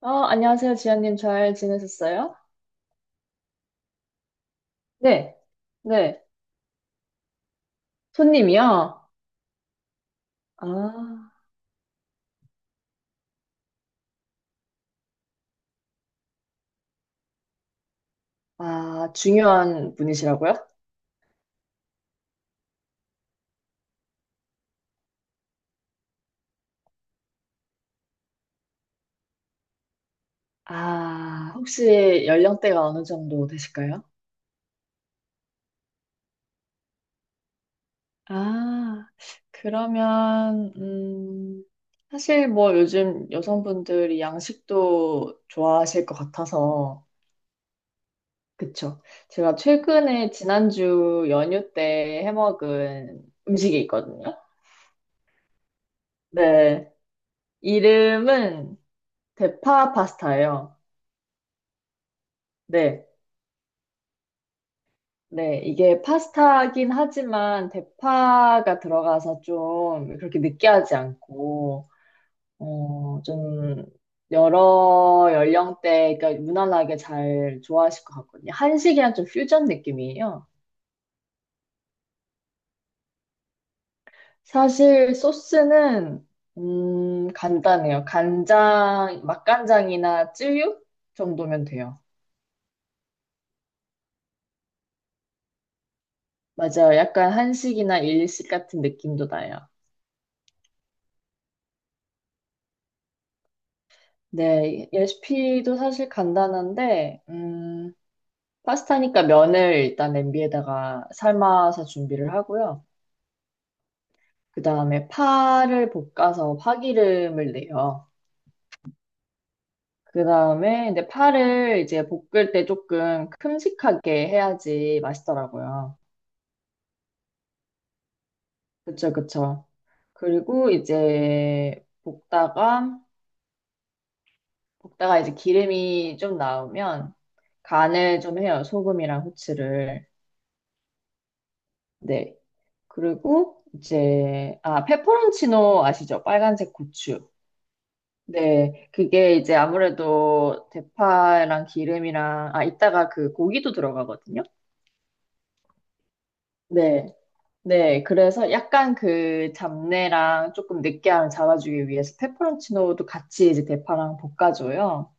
안녕하세요, 지연님. 잘 지내셨어요? 네, 네. 손님이요? 아, 중요한 분이시라고요? 아, 혹시 연령대가 어느 정도 되실까요? 아, 그러면, 사실 뭐 요즘 여성분들이 양식도 좋아하실 것 같아서, 그쵸. 제가 최근에 지난주 연휴 때 해먹은 음식이 있거든요. 네. 이름은 대파 파스타예요. 네. 네. 이게 파스타긴 하지만 대파가 들어가서 좀 그렇게 느끼하지 않고, 어, 좀 여러 연령대, 그러니까 무난하게 잘 좋아하실 것 같거든요. 한식이랑 좀 퓨전 느낌이에요. 사실 소스는, 간단해요. 간장, 맛간장이나 쯔유 정도면 돼요. 맞아요. 약간 한식이나 일식 같은 느낌도 나요. 네, 레시피도 사실 간단한데, 파스타니까 면을 일단 냄비에다가 삶아서 준비를 하고요. 그 다음에 파를 볶아서 파기름을 내요. 그 다음에 이제 파를 이제 볶을 때 조금 큼직하게 해야지 맛있더라고요. 그쵸, 그쵸. 그리고 이제 볶다가, 이제 기름이 좀 나오면 간을 좀 해요. 소금이랑 후추를. 네. 그리고 이제 페퍼론치노 아시죠? 빨간색 고추. 네, 그게 이제 아무래도 대파랑 기름이랑 이따가 그 고기도 들어가거든요. 네, 네, 그래서 약간 그 잡내랑 조금 느끼함을 잡아주기 위해서 페퍼론치노도 같이 이제 대파랑 볶아줘요.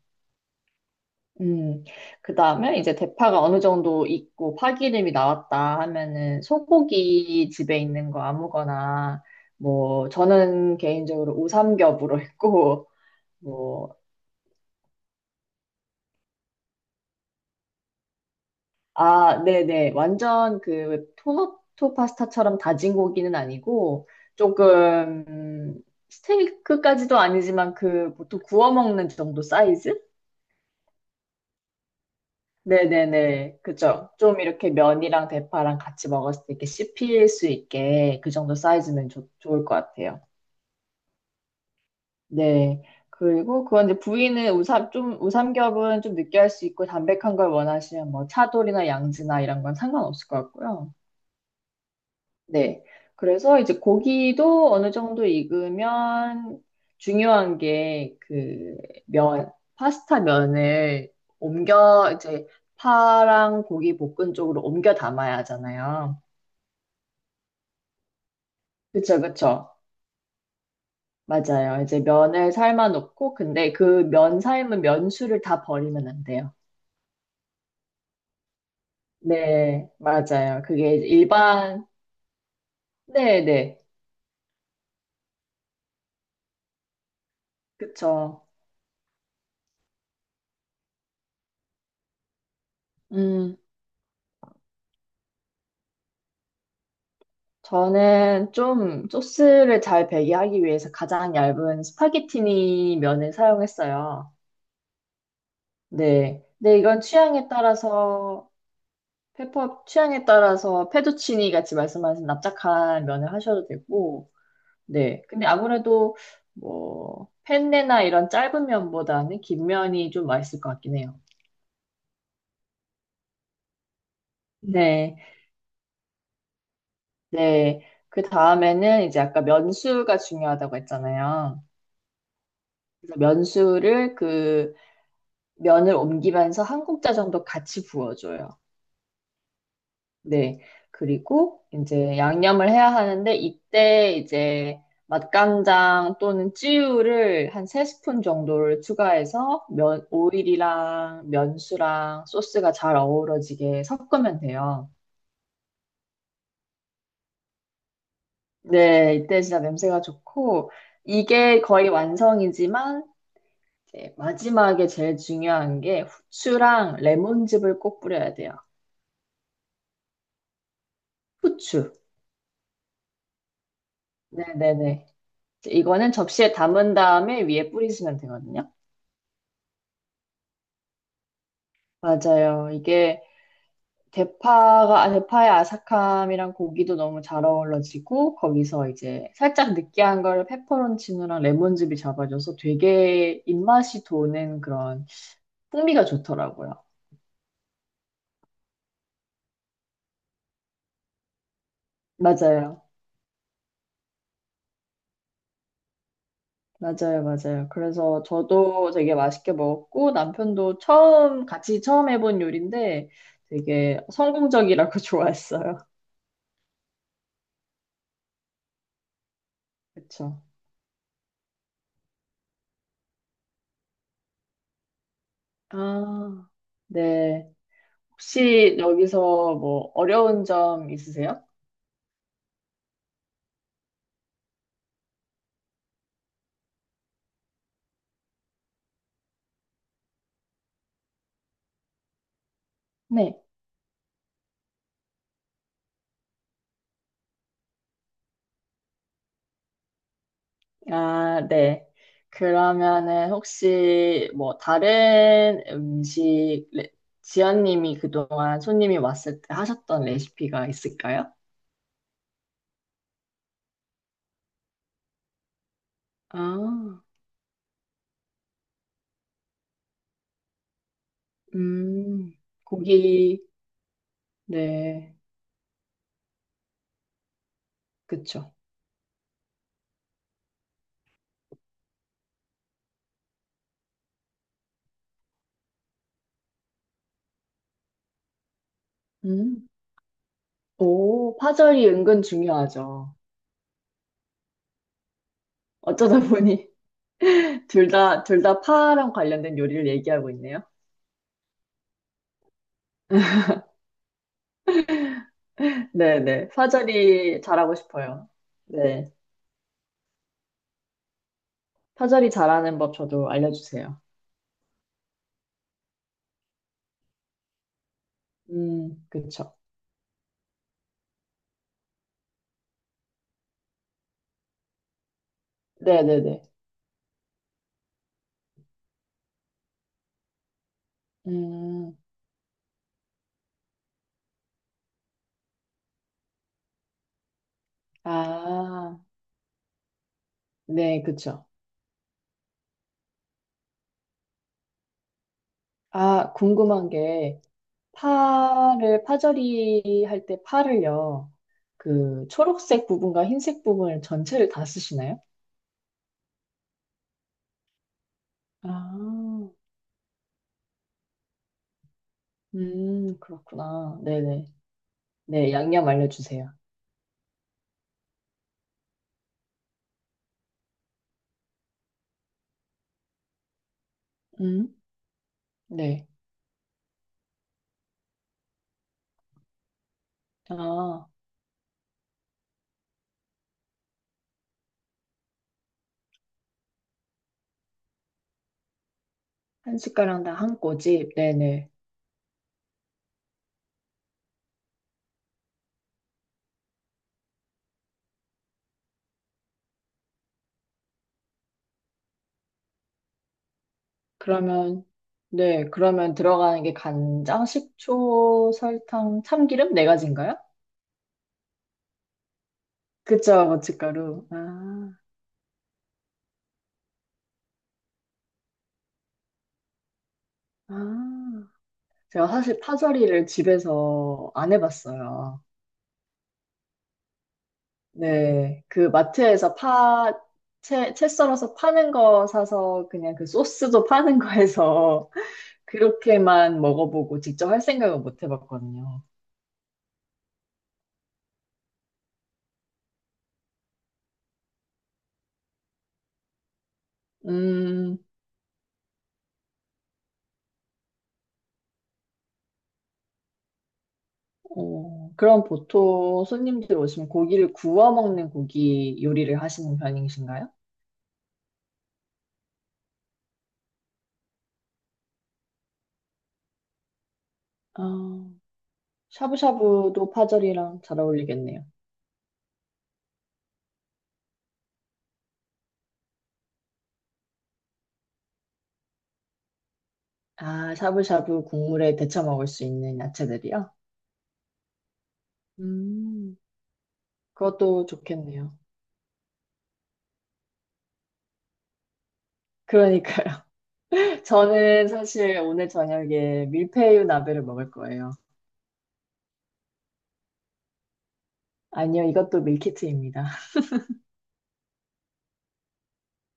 음, 그 다음에 이제 대파가 어느 정도 익고 파기름이 나왔다 하면은 소고기 집에 있는 거 아무거나 뭐 저는 개인적으로 우삼겹으로 했고 뭐 아, 네네 완전 그 토마토 파스타처럼 다진 고기는 아니고 조금 스테이크까지도 아니지만 그 보통 구워 먹는 정도 사이즈? 네네네. 그죠. 좀 이렇게 면이랑 대파랑 같이 먹었을 때 이렇게 씹힐 수 있게 그 정도 사이즈면 좋 좋을 것 같아요. 네. 그리고 그건 이제 부위는 우삼겹은 좀 느끼할 수 있고 담백한 걸 원하시면 뭐 차돌이나 양지나 이런 건 상관없을 것 같고요. 네. 그래서 이제 고기도 어느 정도 익으면 중요한 게 그 면, 파스타 면을 옮겨 이제 파랑 고기 볶은 쪽으로 옮겨 담아야 하잖아요. 그쵸, 그쵸. 맞아요. 이제 면을 삶아 놓고 근데 그 면 삶은 면수를 다 버리면 안 돼요. 네, 맞아요. 그게 일반, 네네. 그쵸. 음. 저는 좀 소스를 잘 배게 하기 위해서 가장 얇은 스파게티니 면을 사용했어요. 네. 근데 이건 취향에 따라서, 페퍼 취향에 따라서 페투치니 같이 말씀하신 납작한 면을 하셔도 되고, 네. 근데 아무래도 뭐, 펜네나 이런 짧은 면보다는 긴 면이 좀 맛있을 것 같긴 해요. 네. 네. 그 다음에는 이제 아까 면수가 중요하다고 했잖아요. 그래서 면수를 그 면을 옮기면서 한 국자 정도 같이 부어줘요. 네. 그리고 이제 양념을 해야 하는데 이때 이제 맛간장 또는 찌유를 한 세스푼 정도를 추가해서 면, 오일이랑 면수랑 소스가 잘 어우러지게 섞으면 돼요. 네, 이때 진짜 냄새가 좋고 이게 거의 완성이지만 이제 마지막에 제일 중요한 게 후추랑 레몬즙을 꼭 뿌려야 돼요. 후추. 네네네. 이거는 접시에 담은 다음에 위에 뿌리시면 되거든요. 맞아요. 이게 대파의 아삭함이랑 고기도 너무 잘 어우러지고, 거기서 이제 살짝 느끼한 걸 페퍼론치노랑 레몬즙이 잡아줘서 되게 입맛이 도는 그런 풍미가 좋더라고요. 맞아요. 맞아요. 맞아요. 그래서 저도 되게 맛있게 먹었고, 같이 처음 해본 요리인데 되게 성공적이라고 좋아했어요. 그쵸. 아. 네. 혹시 여기서 뭐 어려운 점 있으세요? 네. 아, 네. 그러면은 혹시 뭐 지연님이 그동안 손님이 왔을 때 하셨던 레시피가 있을까요? 아, 음, 고기, 네, 그쵸. 음, 오, 파절이 은근 중요하죠. 어쩌다 보니 둘 다 파랑 관련된 요리를 얘기하고 있네요. 네네. 파절이 잘하고 싶어요. 네. 파절이 잘하는 법 저도 알려주세요. 그쵸. 네네네. 음, 아, 네, 그쵸. 아, 궁금한 게, 파절이 할 때 파를요, 그 초록색 부분과 흰색 부분을 전체를 다 쓰시나요? 아, 그렇구나. 네네. 네, 양념 알려주세요. 음, 네. 아, 한 숟가락당 한 꼬집. 네네. 그러면, 네, 그러면 들어가는 게 간장, 식초, 설탕, 참기름 네 가지인가요? 그쵸, 고춧가루. 아, 아. 제가 사실 파절이를 집에서 안 해봤어요. 네, 그 마트에서 파, 채 썰어서 파는 거 사서 그냥 그 소스도 파는 거 해서 그렇게만 먹어보고 직접 할 생각은 못 해봤거든요. 음, 어, 그럼 보통 손님들 오시면 고기를 구워 먹는 고기 요리를 하시는 편이신가요? 아, 샤브샤브도 파절이랑 잘 어울리겠네요. 아, 샤브샤브 국물에 데쳐 먹을 수 있는 야채들이요? 음, 그것도 좋겠네요. 그러니까요. 저는 사실 오늘 저녁에 밀푀유 나베를 먹을 거예요. 아니요, 이것도 밀키트입니다.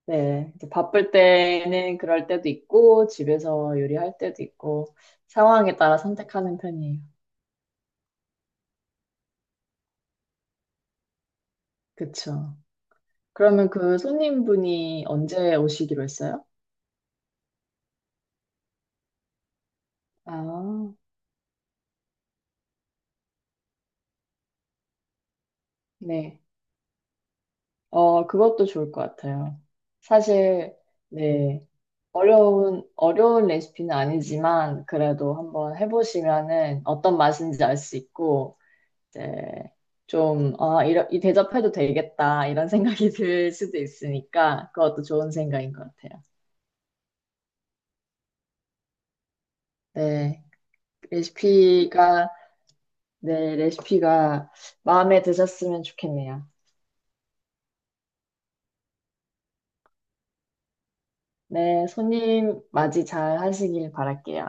네, 이제 바쁠 때는 그럴 때도 있고, 집에서 요리할 때도 있고, 상황에 따라 선택하는 편이에요. 그쵸. 그러면 그 손님분이 언제 오시기로 했어요? 아, 네. 어, 그것도 좋을 것 같아요. 사실, 네. 어려운 레시피는 아니지만, 그래도 한번 해보시면은 어떤 맛인지 알 수 있고, 이제 이 대접해도 되겠다, 이런 생각이 들 수도 있으니까, 그것도 좋은 생각인 것 같아요. 네. 레시피가, 네, 레시피가 마음에 드셨으면 좋겠네요. 네, 손님 맞이 잘 하시길 바랄게요.